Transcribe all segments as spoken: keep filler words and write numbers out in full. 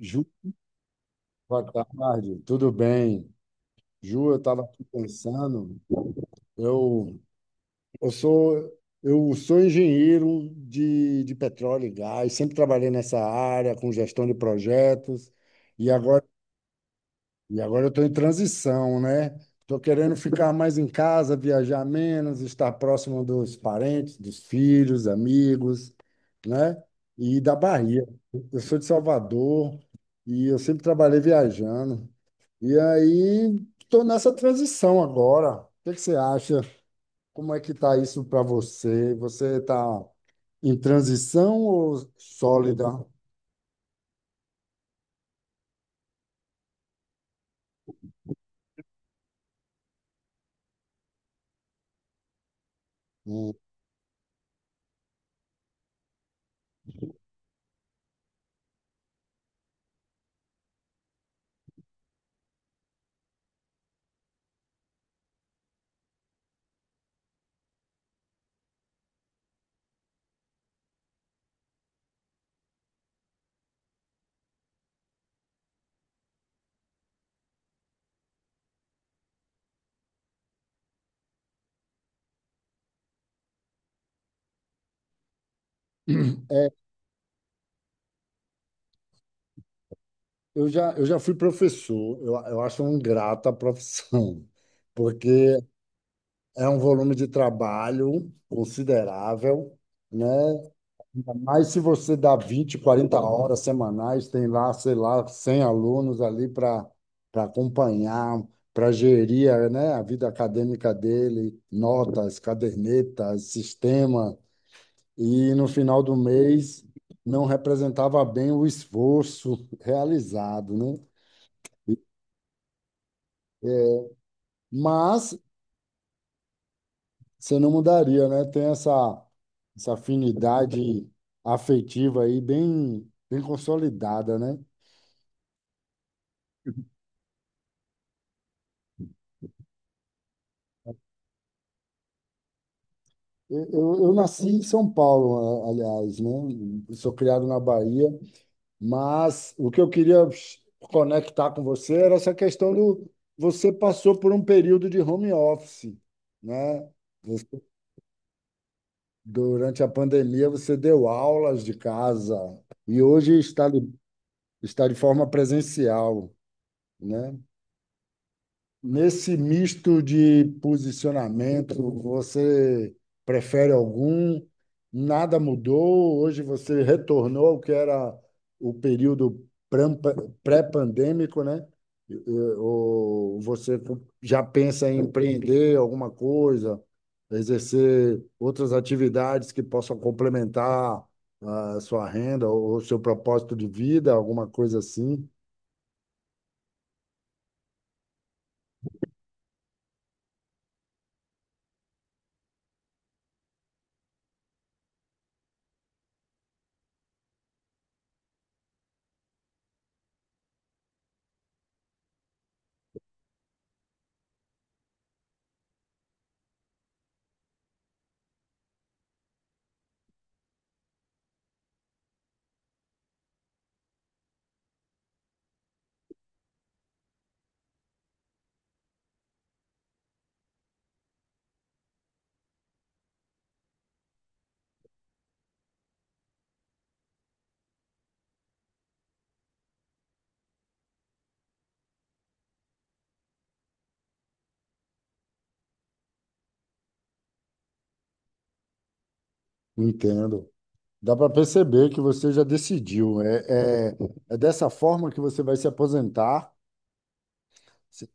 Ju, boa tarde, tudo bem? Ju, eu estava aqui pensando. Eu, eu sou, eu sou engenheiro de, de petróleo e gás, sempre trabalhei nessa área com gestão de projetos e agora, e agora eu estou em transição, né? Estou querendo ficar mais em casa, viajar menos, estar próximo dos parentes, dos filhos, amigos, né? E da Bahia. Eu sou de Salvador e eu sempre trabalhei viajando. E aí, estou nessa transição agora. O que que você acha? Como é que está isso para você? Você está em transição ou sólida? Hum. Eu já, eu já fui professor, eu, eu acho uma ingrata a profissão, porque é um volume de trabalho considerável, né? Mas se você dá vinte, quarenta horas semanais, tem lá, sei lá, cem alunos ali para para acompanhar, para gerir, a, né, a vida acadêmica dele, notas, cadernetas, sistema, e no final do mês não representava bem o esforço realizado, né? Mas você não mudaria, né? Tem essa, essa afinidade afetiva aí bem, bem consolidada, né? Eu, eu eu nasci em São Paulo, a- aliás, né? Eu sou criado na Bahia, mas o que eu queria conectar com você era essa questão do você passou por um período de home office, né? Você- durante a pandemia você deu aulas de casa e hoje está de, está de forma presencial, né? Nesse misto de posicionamento, você prefere algum? Nada mudou? Hoje você retornou ao que era o período prampa- pré-pandêmico, né? E- e- Ou você já pensa em empreender alguma coisa, exercer outras atividades que possam complementar a sua renda ou o seu propósito de vida, alguma coisa assim? Entendo. Dá para perceber que você já decidiu. É, é, é dessa forma que você vai se aposentar. Se-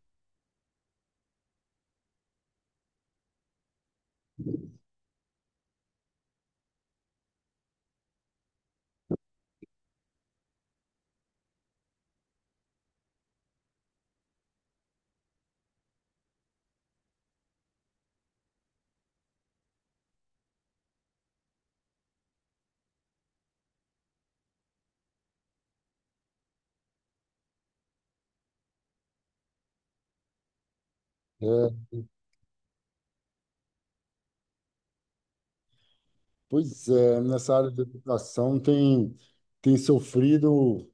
É, pois é, nessa área de educação tem, tem sofrido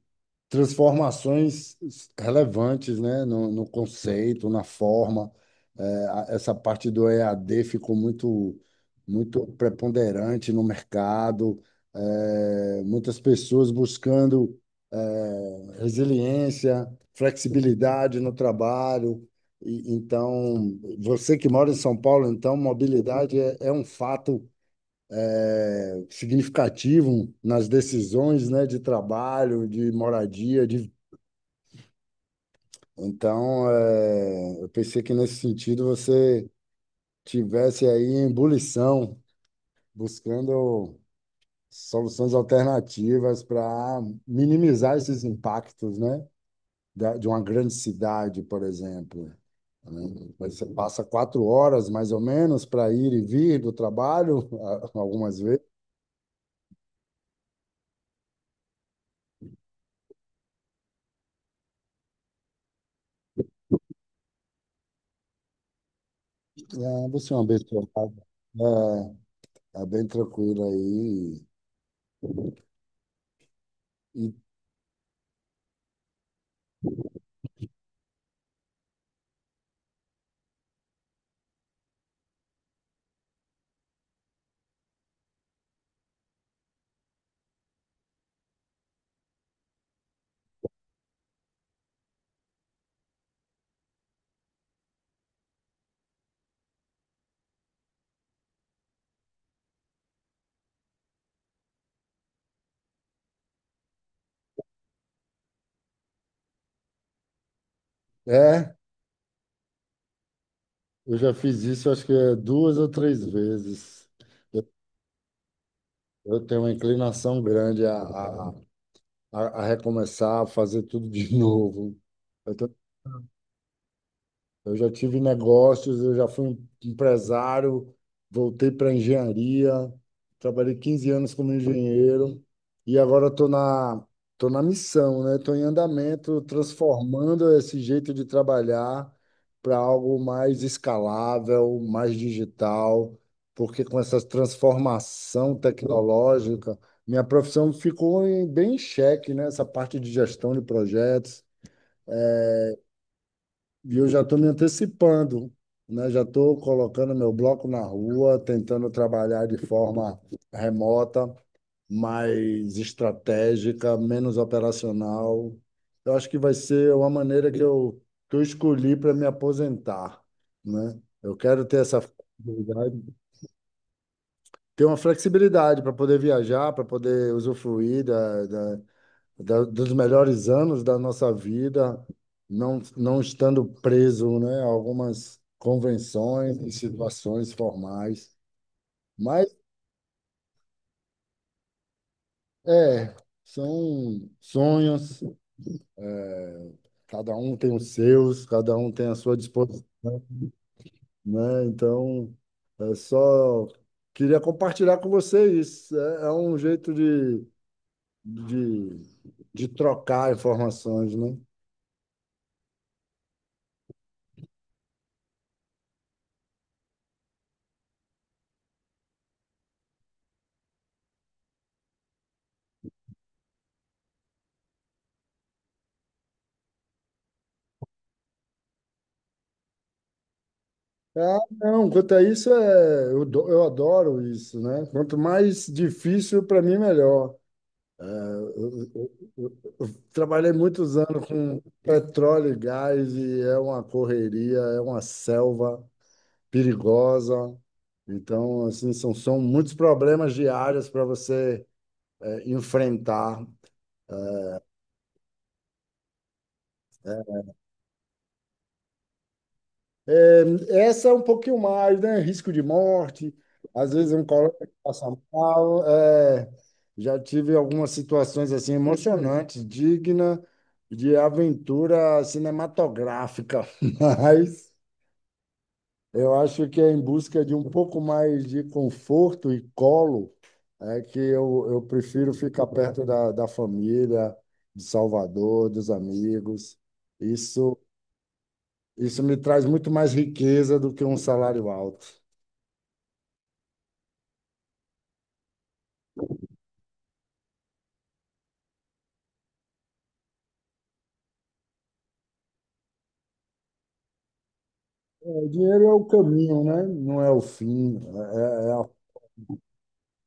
transformações relevantes, né, no, no conceito, na forma. É, a- essa parte do E A D ficou muito, muito preponderante no mercado. É, muitas pessoas buscando, é, resiliência, flexibilidade no trabalho. E, então, você que mora em São Paulo, então, mobilidade é, é um fato, é, significativo nas decisões, né, de trabalho, de moradia, de. Então, é, eu pensei que nesse sentido você tivesse aí em ebulição, buscando soluções alternativas para minimizar esses impactos, né? da- De uma grande cidade, por exemplo. Né? Você passa quatro horas, mais ou menos, para ir e vir do trabalho, algumas vezes. É, você é uma pessoa, é, é, tá bem tranquila aí. E, é, eu já fiz isso, acho que é duas ou três vezes. Eu tenho uma inclinação grande a, a, a a recomeçar, a fazer tudo de novo. Eu já tive negócios, eu já fui um empresário, voltei para engenharia, trabalhei quinze anos como engenheiro e agora estou na, tô na missão, né? Estou em andamento, transformando esse jeito de trabalhar para algo mais escalável, mais digital, porque com essa transformação tecnológica, minha profissão ficou em- bem em xeque, né? Essa parte de gestão de projetos e eu já estou me antecipando, né? Já estou colocando meu bloco na rua, tentando trabalhar de forma remota, mais estratégica, menos operacional. Eu acho que vai ser uma maneira que eu, que eu escolhi para me aposentar, né? Eu quero ter essa flexibilidade, ter uma flexibilidade para poder viajar, para poder usufruir da da da- dos melhores anos da nossa vida, não, não estando preso, né, a algumas convenções e situações formais. Mas é, são sonhos, cada um tem os seus, cada um tem a sua disposição, né? Então, é só queria compartilhar com vocês. É, é um jeito de, de, de trocar informações, né? Ah, não, quanto a isso, é, eu, do- eu adoro isso, né? Quanto mais difícil, para mim, melhor. É, eu, eu- eu- eu trabalhei muitos anos com petróleo e gás e é uma correria, é uma selva perigosa. Então, assim, são, são muitos problemas diários para você, é, enfrentar. É, essa é um pouquinho mais, né? Risco de morte, às vezes um colega que passa mal. É, já tive algumas situações assim emocionantes, digna de aventura cinematográfica, mas eu acho que é em busca de um pouco mais de conforto e colo, é que eu, eu prefiro ficar perto da, da família, de Salvador, dos amigos. Isso isso me traz muito mais riqueza do que um salário alto. É, o dinheiro é o caminho, né? Não é o fim. É, é, é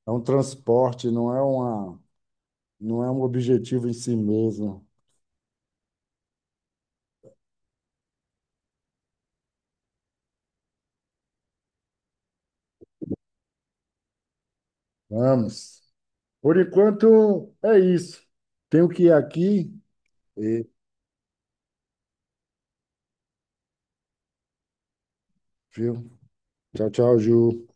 é um transporte, não é uma, não é um objetivo em si mesmo. Vamos. Por enquanto, é isso. Tenho que ir aqui. E, viu? Tchau, tchau, Ju.